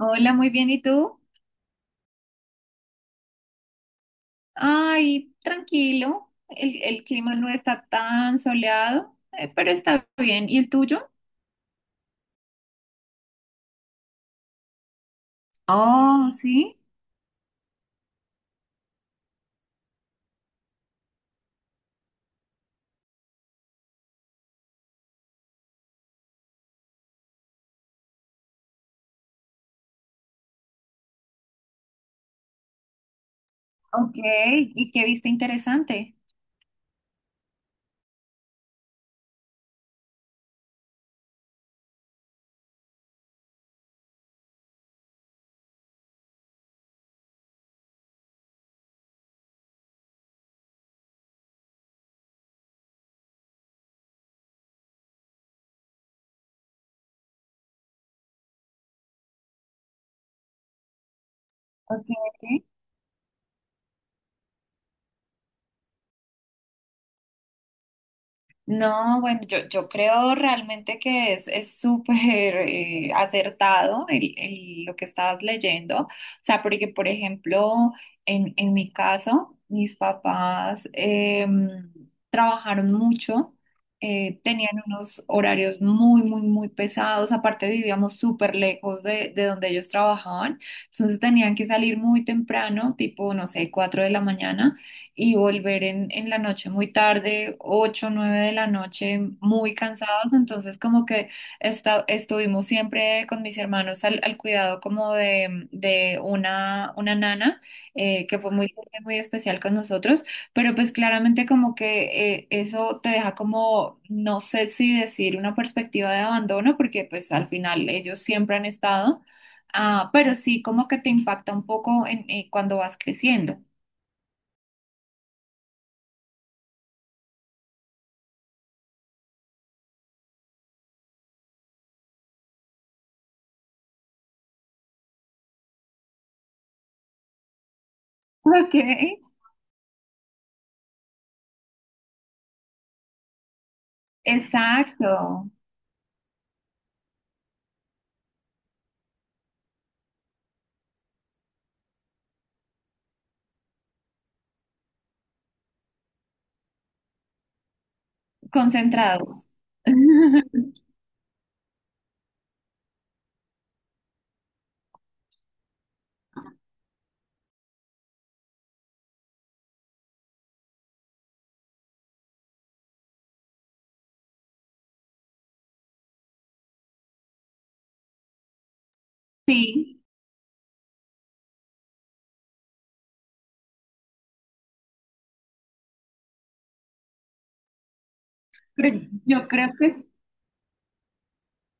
Hola, muy bien. ¿Y tú? Ay, tranquilo. El clima no está tan soleado, pero está bien. ¿Y el tuyo? Oh, sí. Ok. ¿Y qué viste interesante? Ok. No, bueno, yo creo realmente que es súper acertado lo que estabas leyendo. O sea, porque, por ejemplo, en mi caso, mis papás em, trabajaron mucho, tenían unos horarios muy, muy, muy pesados. Aparte, vivíamos súper lejos de donde ellos trabajaban. Entonces, tenían que salir muy temprano, tipo, no sé, 4 de la mañana, y volver en la noche muy tarde, 8 9 de la noche, muy cansados. Entonces, como que estuvimos siempre con mis hermanos al cuidado como de una nana, que fue muy, muy especial con nosotros. Pero pues claramente como que eso te deja como, no sé si decir una perspectiva de abandono, porque pues al final ellos siempre han estado. Ah, pero sí como que te impacta un poco cuando vas creciendo. Ok. Exacto, concentrados. Sí, pero yo creo que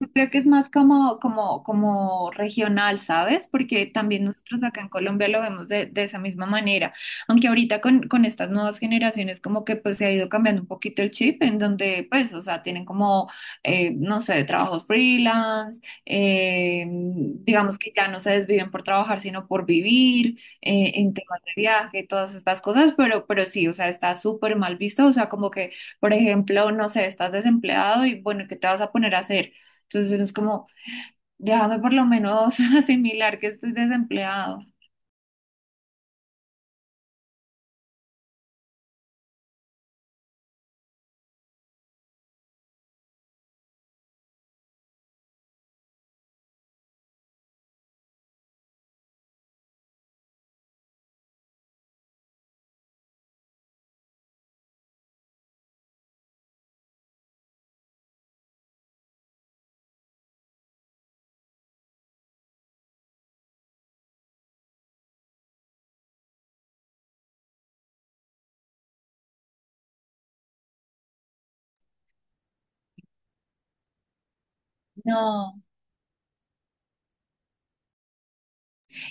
Yo creo que es más como regional, ¿sabes? Porque también nosotros acá en Colombia lo vemos de esa misma manera. Aunque ahorita con estas nuevas generaciones como que pues se ha ido cambiando un poquito el chip en donde pues, o sea, tienen como, no sé, trabajos freelance, digamos que ya no se desviven por trabajar, sino por vivir, en temas de viaje, todas estas cosas, pero sí, o sea, está súper mal visto, o sea, como que, por ejemplo, no sé, estás desempleado y bueno, ¿qué te vas a poner a hacer? Entonces uno es como, déjame por lo menos asimilar que estoy desempleado. No.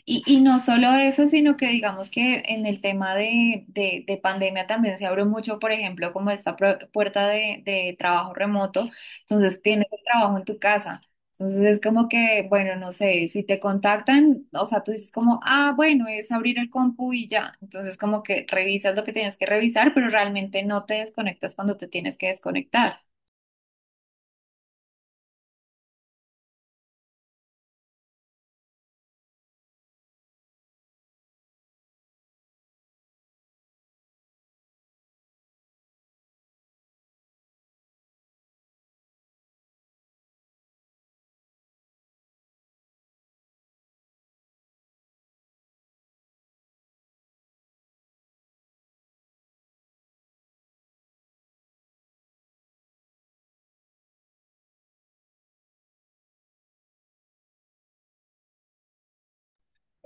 Y no solo eso, sino que digamos que en el tema de pandemia también se abrió mucho, por ejemplo, como esta puerta de trabajo remoto. Entonces tienes el trabajo en tu casa. Entonces es como que, bueno, no sé, si te contactan, o sea, tú dices como, ah, bueno, es abrir el compu y ya. Entonces como que revisas lo que tienes que revisar, pero realmente no te desconectas cuando te tienes que desconectar.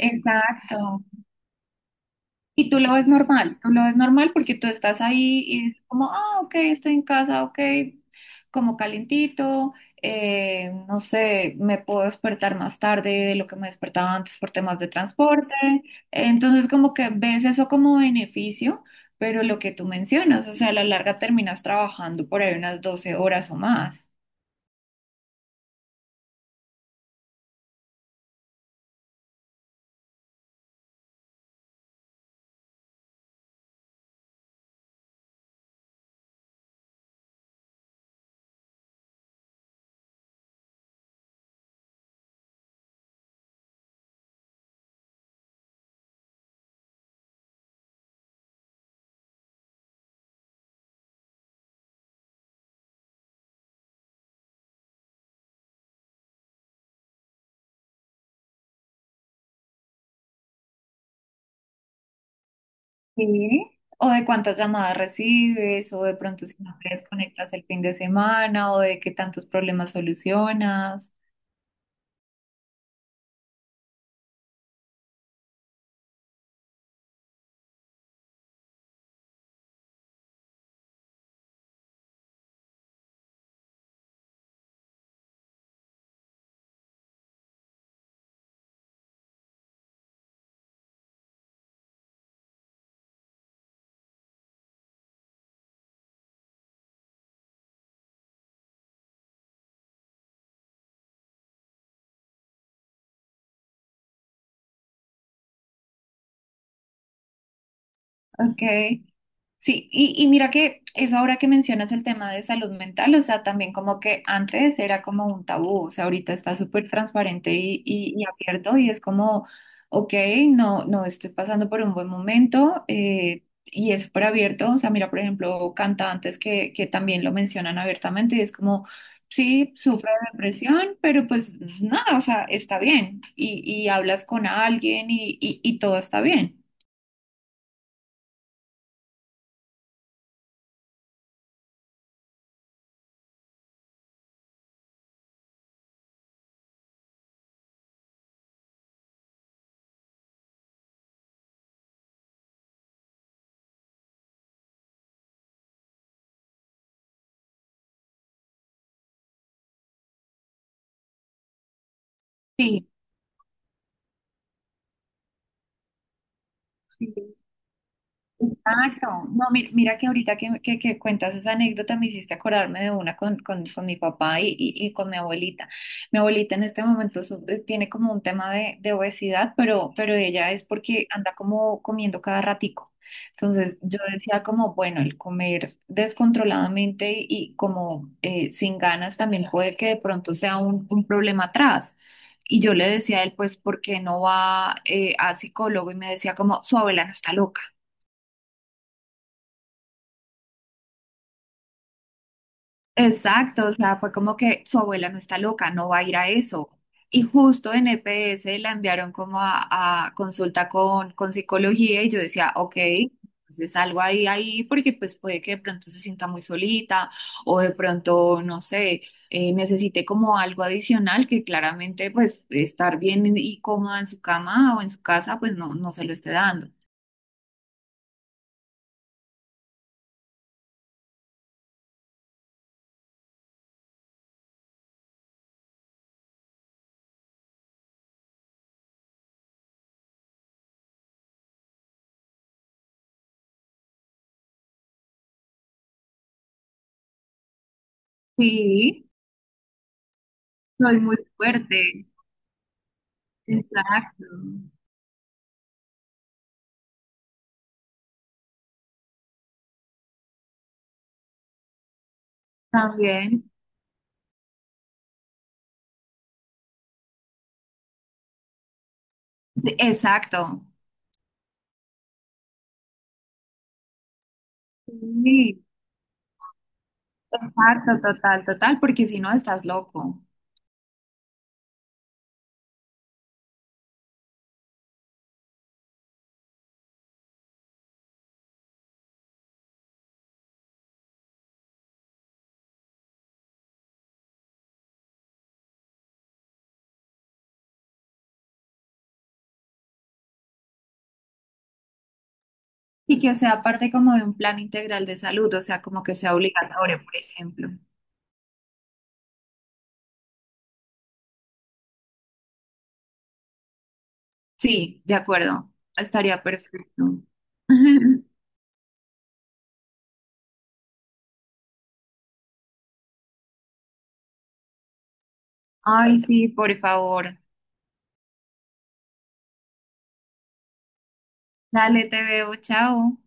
Exacto. Y tú lo ves normal, tú lo ves normal porque tú estás ahí y es como, ah, ok, estoy en casa, ok, como calientito, no sé, me puedo despertar más tarde de lo que me despertaba antes por temas de transporte. Entonces como que ves eso como beneficio, pero lo que tú mencionas, o sea, a la larga terminas trabajando por ahí unas 12 horas o más. Sí. O de cuántas llamadas recibes, o de pronto si no te desconectas el fin de semana, o de qué tantos problemas solucionas. Ok, sí, y mira que eso ahora que mencionas el tema de salud mental, o sea, también como que antes era como un tabú, o sea, ahorita está súper transparente y abierto y es como, ok, no, no estoy pasando por un buen momento, y es súper abierto, o sea, mira, por ejemplo, cantantes que también lo mencionan abiertamente y es como, sí, sufro de depresión, pero pues nada, o sea, está bien y hablas con alguien y todo está bien. Sí. Exacto. No, mira, que ahorita que cuentas esa anécdota me hiciste acordarme de una con mi papá y con mi abuelita. Mi abuelita en este momento tiene como un tema de obesidad, pero ella es porque anda como comiendo cada ratico. Entonces yo decía como, bueno, el comer descontroladamente y como sin ganas también puede que de pronto sea un problema atrás. Y yo le decía a él, pues, ¿por qué no va a psicólogo? Y me decía como, su abuela no está loca. Exacto, o sea, fue como que su abuela no está loca, no va a ir a eso. Y justo en EPS la enviaron como a consulta con psicología y yo decía, ok, entonces algo ahí, ahí, porque pues puede que de pronto se sienta muy solita o de pronto, no sé, necesite como algo adicional que claramente pues estar bien y cómoda en su cama o en su casa pues no, no se lo esté dando. Sí, soy muy fuerte. Exacto. También. Sí, exacto. Sí, exacto, total, total, porque si no estás loco. Y que sea parte como de un plan integral de salud, o sea, como que sea obligatorio, por ejemplo. Sí, de acuerdo. Estaría perfecto. Ay, sí, por favor. Dale, te veo, chao.